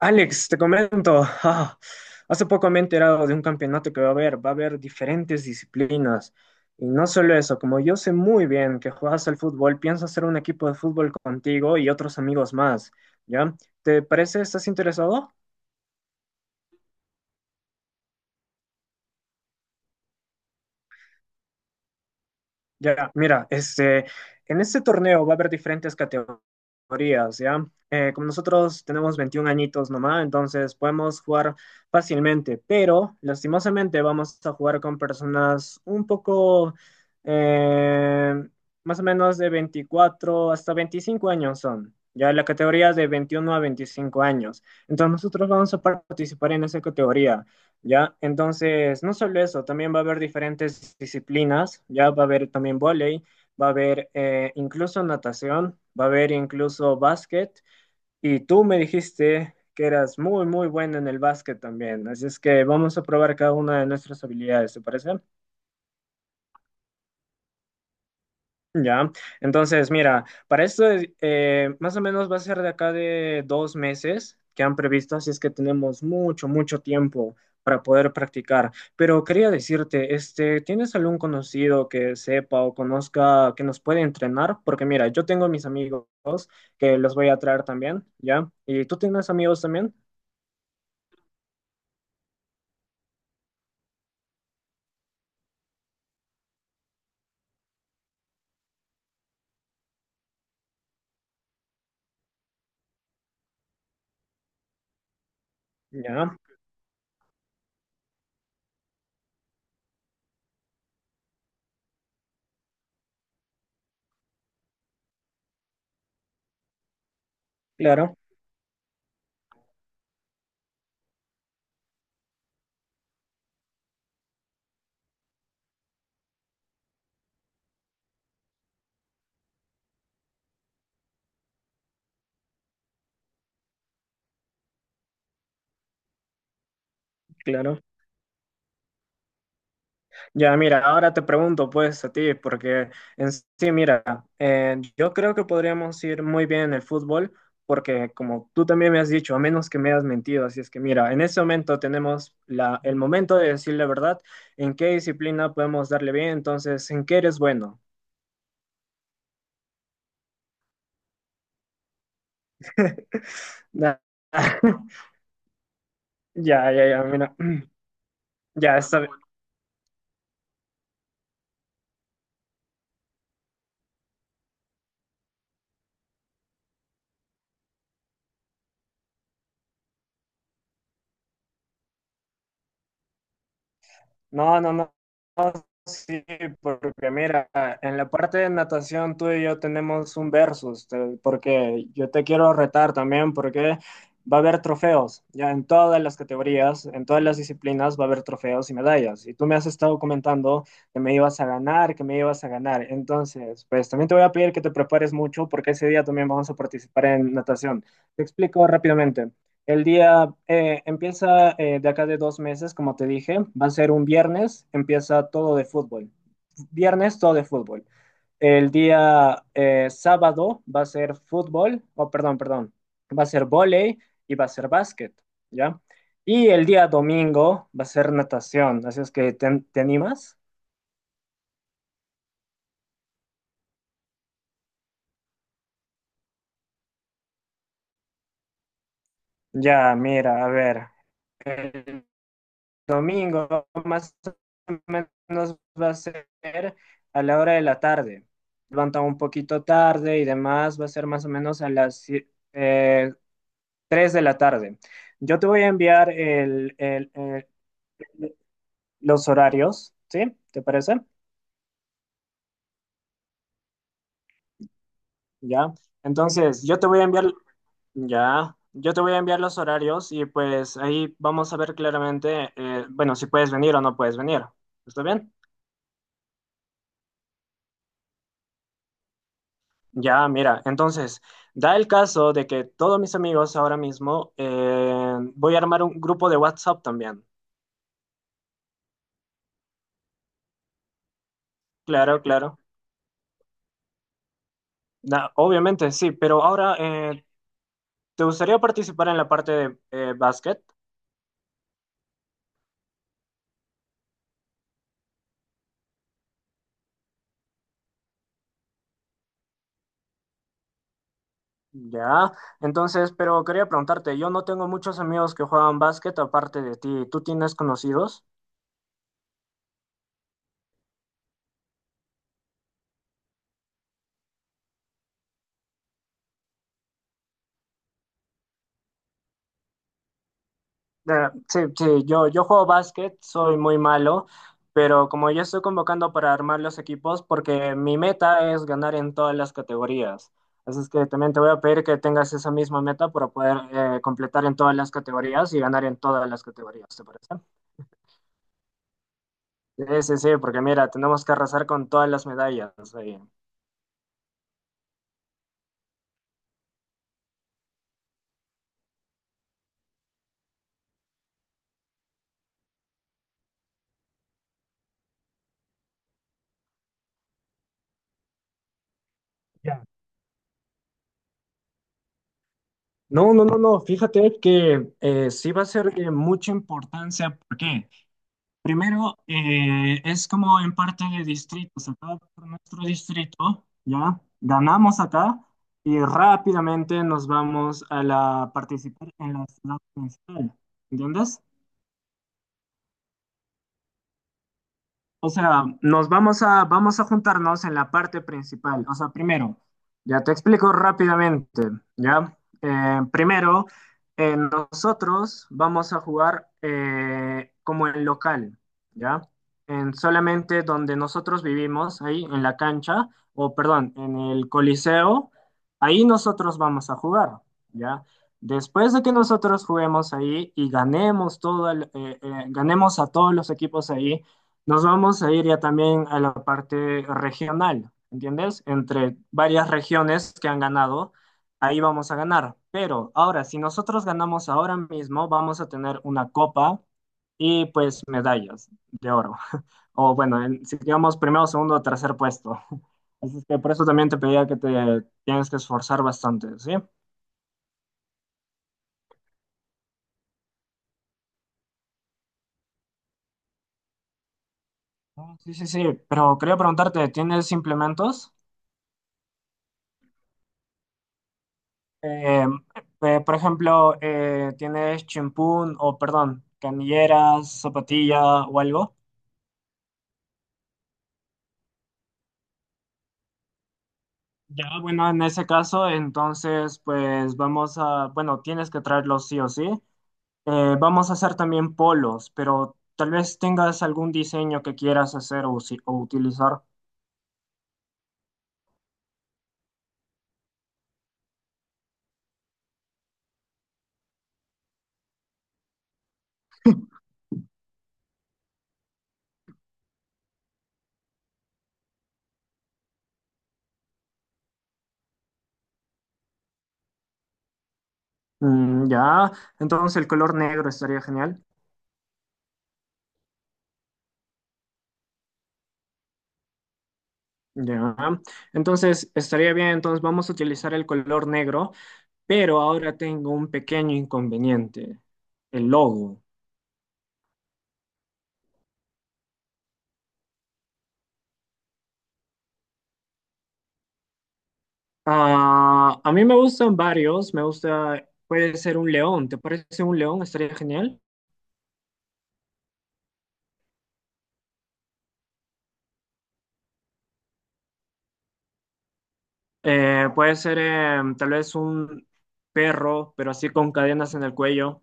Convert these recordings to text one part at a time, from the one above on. Alex, te comento, hace poco me he enterado de un campeonato que va a haber diferentes disciplinas. Y no solo eso, como yo sé muy bien que juegas al fútbol, pienso hacer un equipo de fútbol contigo y otros amigos más, ¿ya? ¿Te parece? ¿Estás interesado? Ya, mira, en este torneo va a haber diferentes categorías, ¿ya? Como nosotros tenemos 21 añitos nomás, entonces podemos jugar fácilmente, pero lastimosamente vamos a jugar con personas un poco, eh, más o menos de 24 hasta 25 años son, ya la categoría es de 21 a 25 años. Entonces nosotros vamos a participar en esa categoría. ¿Ya? Entonces, no solo eso, también va a haber diferentes disciplinas, ¿ya? Va a haber también vóley, va a haber incluso natación, va a haber incluso básquet. Y tú me dijiste que eras muy, muy bueno en el básquet también. Así es que vamos a probar cada una de nuestras habilidades, ¿te parece? Ya, entonces mira, más o menos va a ser de acá de 2 meses que han previsto, así es que tenemos mucho, mucho tiempo para poder practicar. Pero quería decirte, ¿tienes algún conocido que sepa o conozca que nos puede entrenar? Porque mira, yo tengo mis amigos que los voy a traer también, ¿ya? ¿Y tú tienes amigos también? Ya, claro, claro. Ya, mira, ahora te pregunto pues a ti, porque en sí, mira, yo creo que podríamos ir muy bien en el fútbol, porque como tú también me has dicho, a menos que me hayas mentido, así es que mira, en este momento tenemos la, el momento de decir la verdad, en qué disciplina podemos darle bien, entonces, en qué eres bueno. Ya, ya, ya, ya, mira, ya, está. No, no, no, no. Sí, porque mira, en la parte de natación tú y yo tenemos un versus, porque yo te quiero retar también, porque va a haber trofeos, ya en todas las categorías, en todas las disciplinas va a haber trofeos y medallas. Y tú me has estado comentando que me ibas a ganar, que me ibas a ganar. Entonces, pues también te voy a pedir que te prepares mucho, porque ese día también vamos a participar en natación. Te explico rápidamente. El día empieza de acá de 2 meses, como te dije, va a ser un viernes, empieza todo de fútbol. Viernes todo de fútbol. El día sábado va a ser fútbol, oh, perdón, perdón, va a ser vóley y va a ser básquet, ¿ya? Y el día domingo va a ser natación, así es que te animas. Ya, mira, a ver, el domingo, más o menos va a ser a la hora de la tarde. Levanta un poquito tarde y demás, va a ser más o menos a las eh, 3 de la tarde. Yo te voy a enviar los horarios, ¿sí? ¿Te parece? Ya. Entonces, yo te voy a enviar, ya, yo te voy a enviar los horarios y pues ahí vamos a ver claramente, bueno, si puedes venir o no puedes venir. ¿Está bien? Ya, mira, entonces, da el caso de que todos mis amigos ahora mismo, voy a armar un grupo de WhatsApp también. Claro, claro. Obviamente, sí, pero ahora, ¿te gustaría participar en la parte de básquet? Ya, entonces, pero quería preguntarte, yo no tengo muchos amigos que juegan básquet aparte de ti. ¿Tú tienes conocidos? Sí, sí, yo juego básquet, soy muy malo, pero como yo estoy convocando para armar los equipos, porque mi meta es ganar en todas las categorías. Así es que también te voy a pedir que tengas esa misma meta para poder completar en todas las categorías y ganar en todas las categorías, ¿te parece? Sí, sí, sí, porque mira, tenemos que arrasar con todas las medallas ahí. Ya. No, no, no, no, fíjate que sí va a ser de mucha importancia. ¿Por qué? Primero, es como en parte de distritos. Acá por nuestro distrito, ya ganamos acá y rápidamente nos vamos a la participar en la ciudad municipal. ¿Entiendes? O sea, vamos a juntarnos en la parte principal. O sea, primero, ya te explico rápidamente, ¿ya? Primero, nosotros vamos a jugar como en local, ¿ya? En solamente donde nosotros vivimos, ahí en la cancha, o perdón, en el Coliseo, ahí nosotros vamos a jugar, ¿ya? Después de que nosotros juguemos ahí y ganemos a todos los equipos ahí, nos vamos a ir ya también a la parte regional, ¿entiendes? Entre varias regiones que han ganado, ahí vamos a ganar. Pero ahora, si nosotros ganamos ahora mismo, vamos a tener una copa y pues medallas de oro. O bueno, si digamos primero, segundo o tercer puesto. Así es que por eso también te pedía que te tienes que esforzar bastante, ¿sí? Ah, sí, sí, sí. Pero quería preguntarte, ¿tienes implementos? Eh, por ejemplo, ¿tienes chimpún o, perdón, canilleras, zapatilla o algo? Ya, bueno, en ese caso, entonces, pues vamos a, bueno, tienes que traerlos sí o sí. Vamos a hacer también polos, pero tal vez tengas algún diseño que quieras hacer o, o utilizar. Mm, ya, entonces el color negro estaría genial. Ya, entonces estaría bien, entonces vamos a utilizar el color negro. Pero ahora tengo un pequeño inconveniente, el logo. Ah, a mí me gustan varios, me gusta, puede ser un león, ¿te parece un león? Estaría genial. Puede ser tal vez un perro, pero así con cadenas en el cuello.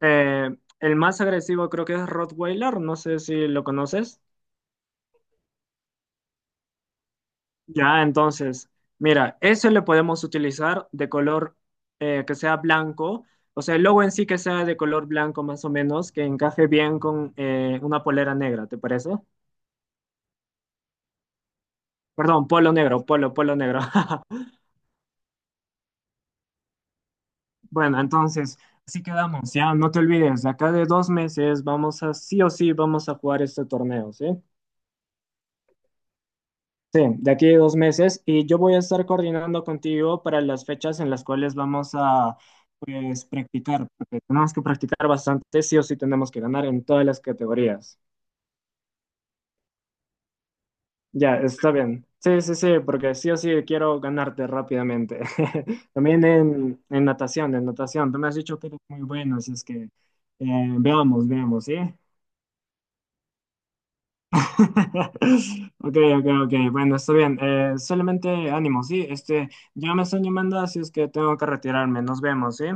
Eh, el más agresivo creo que es Rottweiler, no sé si lo conoces. Ya, entonces, mira, eso le podemos utilizar de color que sea blanco, o sea, el logo en sí que sea de color blanco más o menos, que encaje bien con una polera negra, ¿te parece? Perdón, polo negro, polo, polo negro. Bueno, entonces, así quedamos, ya, no te olvides, de acá de 2 meses vamos a, sí o sí, vamos a jugar este torneo, ¿sí? Sí, de aquí a 2 meses y yo voy a estar coordinando contigo para las fechas en las cuales vamos a pues practicar, porque tenemos que practicar bastante, sí o sí tenemos que ganar en todas las categorías. Ya, está bien. Sí, sí, sí, porque sí o sí quiero ganarte rápidamente. También en natación, en natación. Tú me has dicho que eres muy bueno, así es que veamos, veamos, ¿sí? Ok, ok, ok. Bueno, está bien. Solamente ánimo, ¿sí? Ya me están llamando, así es que tengo que retirarme. Nos vemos, ¿sí?